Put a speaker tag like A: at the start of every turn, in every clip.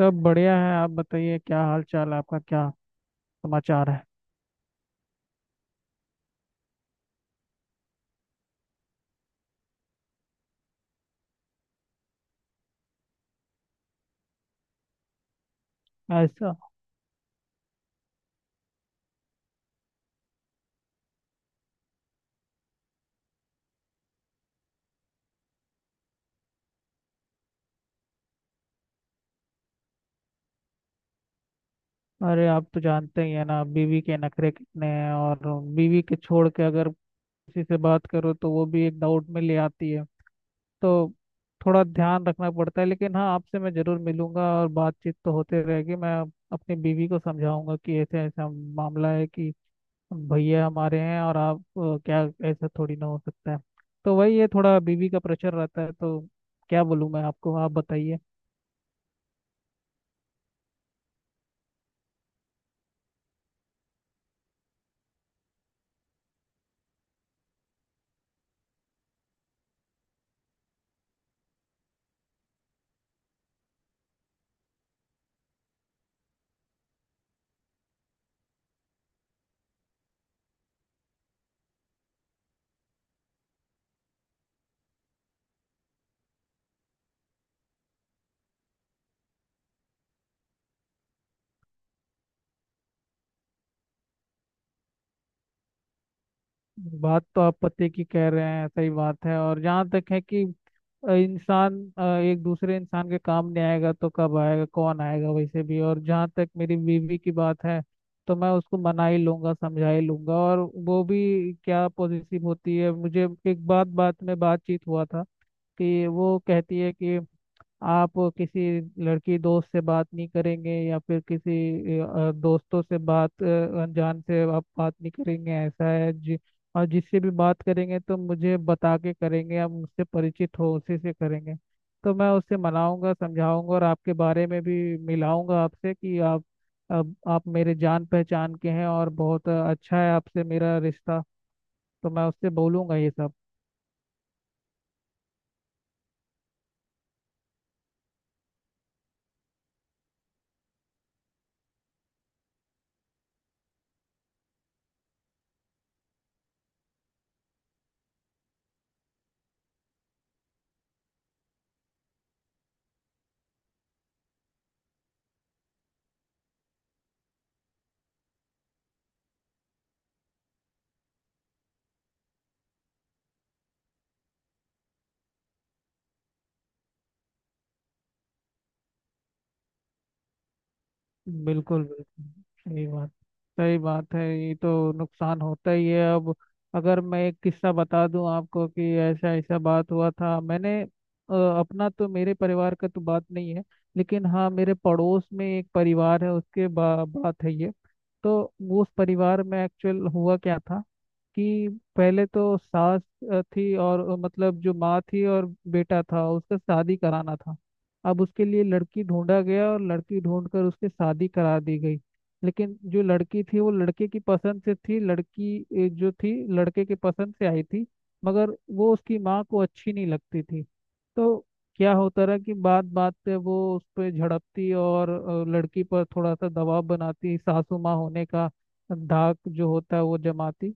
A: सब बढ़िया है। आप बताइए क्या हाल चाल आपका, क्या समाचार है? ऐसा? अरे आप तो जानते ही है ना, बीवी के नखरे कितने हैं। और बीवी के छोड़ के अगर किसी से बात करो तो वो भी एक डाउट में ले आती है। तो थोड़ा ध्यान रखना पड़ता है, लेकिन हाँ आपसे मैं जरूर मिलूंगा और बातचीत तो होते रहेगी। मैं अपनी बीवी को समझाऊंगा कि ऐसे ऐसा मामला है कि भैया हमारे हैं और आप, क्या ऐसा थोड़ी ना हो सकता है। तो वही ये थोड़ा बीवी का प्रेशर रहता है, तो क्या बोलूँ मैं आपको, आप बताइए। बात तो आप पते की कह रहे हैं, सही बात है। और जहाँ तक है कि इंसान एक दूसरे इंसान के काम नहीं आएगा तो कब आएगा, कौन आएगा वैसे भी। और जहाँ तक मेरी बीवी की बात है, तो मैं उसको मना ही लूंगा, समझा ही लूंगा। और वो भी क्या पॉजिटिव होती है, मुझे एक बात बात में बातचीत हुआ था कि वो कहती है कि आप किसी लड़की दोस्त से बात नहीं करेंगे, या फिर किसी दोस्तों से बात अनजान से आप बात नहीं करेंगे, ऐसा है जी। और जिससे भी बात करेंगे तो मुझे बता के करेंगे, आप मुझसे परिचित हो उसी से करेंगे। तो मैं उससे मनाऊंगा, समझाऊंगा और आपके बारे में भी मिलाऊंगा आपसे कि आप, अब आप मेरे जान पहचान के हैं और बहुत अच्छा है आपसे मेरा रिश्ता। तो मैं उससे बोलूंगा ये सब। बिल्कुल बिल्कुल, सही बात, सही बात है, ये तो नुकसान होता ही है। अब अगर मैं एक किस्सा बता दूं आपको, कि ऐसा ऐसा बात हुआ था, मैंने अपना तो, मेरे परिवार का तो बात नहीं है, लेकिन हाँ मेरे पड़ोस में एक परिवार है, उसके बात है ये। तो उस परिवार में एक्चुअल हुआ क्या था, कि पहले तो सास थी, और मतलब जो माँ थी, और बेटा था, उसका शादी कराना था। अब उसके लिए लड़की ढूंढा गया और लड़की ढूंढकर उसकी शादी करा दी गई। लेकिन जो लड़की थी वो लड़के की पसंद से थी, लड़की जो थी लड़के के पसंद से आई थी। मगर वो उसकी माँ को अच्छी नहीं लगती थी। तो क्या होता रहा कि बात बात पे वो उस पर झड़पती, और लड़की पर थोड़ा सा दबाव बनाती, सासू माँ होने का धाक जो होता है वो जमाती।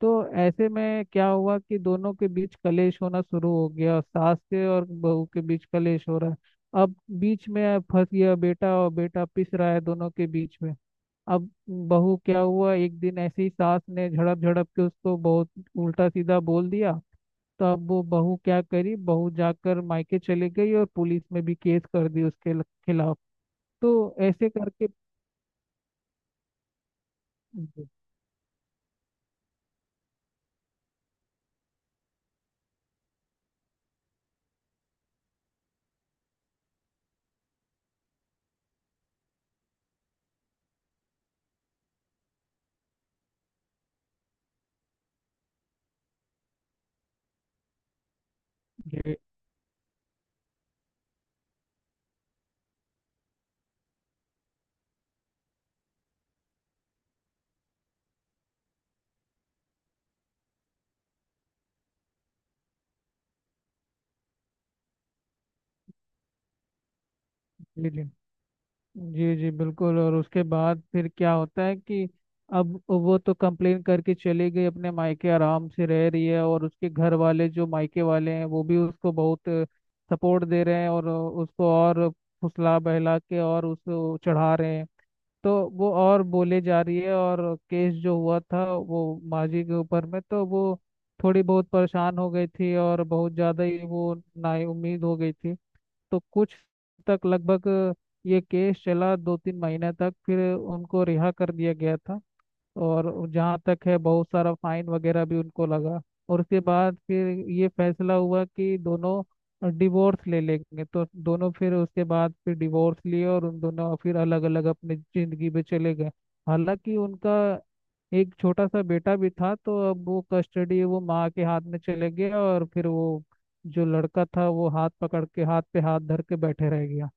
A: तो ऐसे में क्या हुआ कि दोनों के बीच कलेश होना शुरू हो गया, सास के और बहू के बीच कलेश हो रहा है। अब बीच में फंस गया बेटा, और बेटा पिस रहा है दोनों के बीच में। अब बहू, क्या हुआ, एक दिन ऐसे ही सास ने झड़प झड़प के उसको बहुत उल्टा सीधा बोल दिया। तो अब वो बहू क्या करी, बहू जाकर मायके चली गई और पुलिस में भी केस कर दी उसके खिलाफ। तो ऐसे करके जी जी। जी जी जी बिल्कुल। और उसके बाद फिर क्या होता है कि अब वो तो कंप्लेन करके चली गई, अपने मायके आराम से रह रही है। और उसके घर वाले जो मायके वाले हैं वो भी उसको बहुत सपोर्ट दे रहे हैं, और उसको और फुसला बहला के और उसको चढ़ा रहे हैं। तो वो और बोले जा रही है। और केस जो हुआ था वो माजी के ऊपर में, तो वो थोड़ी बहुत परेशान हो गई थी, और बहुत ज़्यादा ही वो नाउम्मीद हो गई थी। तो कुछ तक लगभग ये केस चला, 2 3 महीने तक, फिर उनको रिहा कर दिया गया था। और जहाँ तक है, बहुत सारा फाइन वगैरह भी उनको लगा। और उसके बाद फिर ये फैसला हुआ कि दोनों डिवोर्स ले लेंगे, तो दोनों फिर उसके बाद फिर डिवोर्स लिए, और उन दोनों फिर अलग अलग अपनी जिंदगी में चले गए। हालांकि उनका एक छोटा सा बेटा भी था, तो अब वो कस्टडी वो माँ के हाथ में चले गया, और फिर वो जो लड़का था वो हाथ पकड़ के, हाथ पे हाथ धर के बैठे रह गया।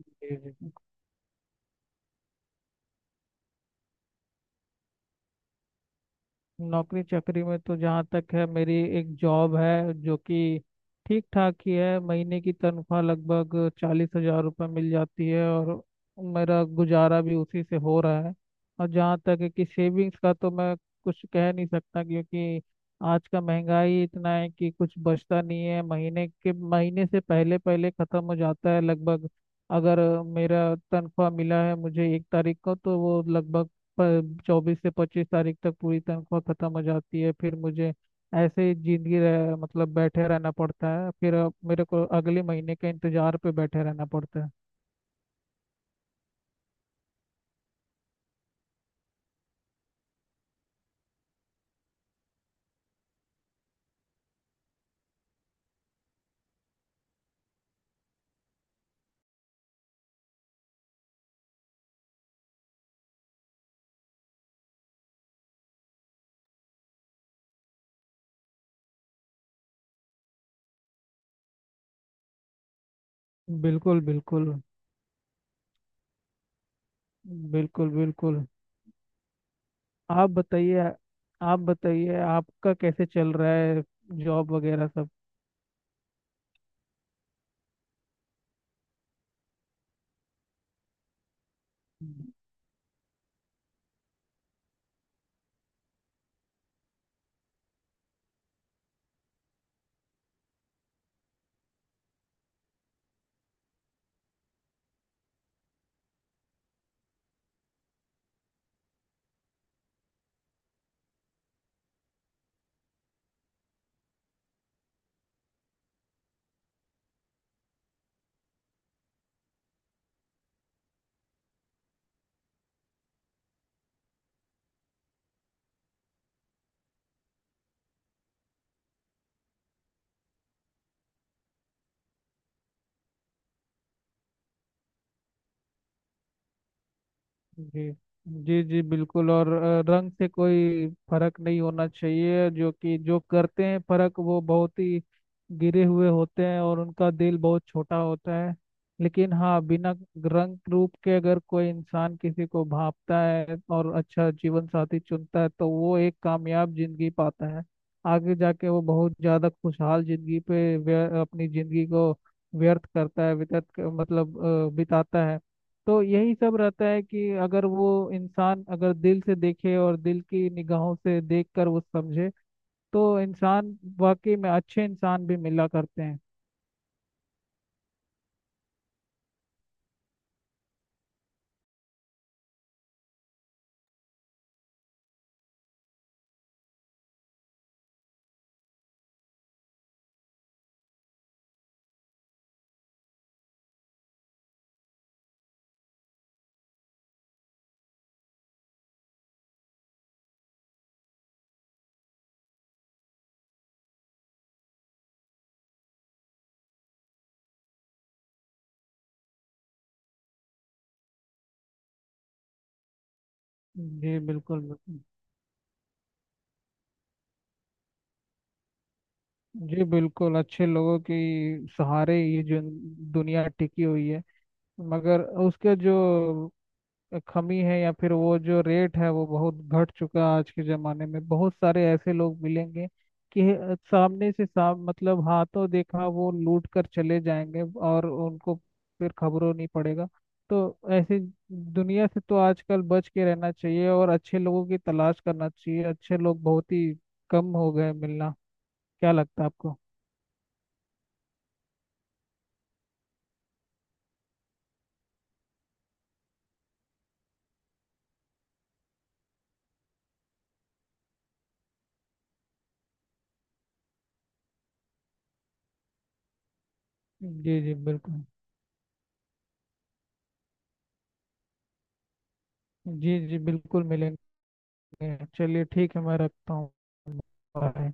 A: जी जी। नौकरी चाकरी में तो जहाँ तक है, मेरी एक जॉब है जो कि ठीक ठाक ही है, महीने की तनख्वाह लगभग 40,000 रुपये मिल जाती है, और मेरा गुजारा भी उसी से हो रहा है। और जहाँ तक है कि सेविंग्स का, तो मैं कुछ कह नहीं सकता, क्योंकि आज का महंगाई इतना है कि कुछ बचता नहीं है, महीने के महीने से पहले पहले ख़त्म हो जाता है लगभग। अगर मेरा तनख्वाह मिला है मुझे 1 तारीख को, तो वो लगभग 24 से 25 तारीख तक पूरी तनख्वाह खत्म हो जाती है, फिर मुझे ऐसे ही जिंदगी मतलब बैठे रहना पड़ता है। फिर अब मेरे को अगले महीने के इंतजार पे बैठे रहना पड़ता है। बिल्कुल बिल्कुल। बिल्कुल बिल्कुल। आप बताइए, आप बताइए आपका कैसे चल रहा है, जॉब वगैरह सब? जी जी। जी बिल्कुल। और रंग से कोई फर्क नहीं होना चाहिए, जो कि जो करते हैं फर्क वो बहुत ही गिरे हुए होते हैं, और उनका दिल बहुत छोटा होता है। लेकिन हाँ बिना रंग रूप के अगर कोई इंसान किसी को भांपता है और अच्छा जीवन साथी चुनता है, तो वो एक कामयाब जिंदगी पाता है। आगे जाके वो बहुत ज्यादा खुशहाल जिंदगी पे अपनी जिंदगी को व्यर्थ करता है, व्यतीत मतलब बिताता है। तो यही सब रहता है कि अगर वो इंसान अगर दिल से देखे और दिल की निगाहों से देखकर वो समझे, तो इंसान वाकई में अच्छे इंसान भी मिला करते हैं। जी बिल्कुल बिल्कुल। जी बिल्कुल, अच्छे लोगों की सहारे ये जो दुनिया टिकी हुई है। मगर उसके जो कमी है या फिर वो जो रेट है वो बहुत घट चुका है। आज के ज़माने में बहुत सारे ऐसे लोग मिलेंगे कि सामने से साम मतलब हाथों देखा वो लूट कर चले जाएंगे, और उनको फिर खबरों नहीं पड़ेगा। तो ऐसे दुनिया से तो आजकल बच के रहना चाहिए, और अच्छे लोगों की तलाश करना चाहिए। अच्छे लोग बहुत ही कम हो गए मिलना, क्या लगता है आपको? जी जी बिल्कुल। जी जी बिल्कुल मिलेंगे। चलिए ठीक है, मैं रखता हूँ। Bye.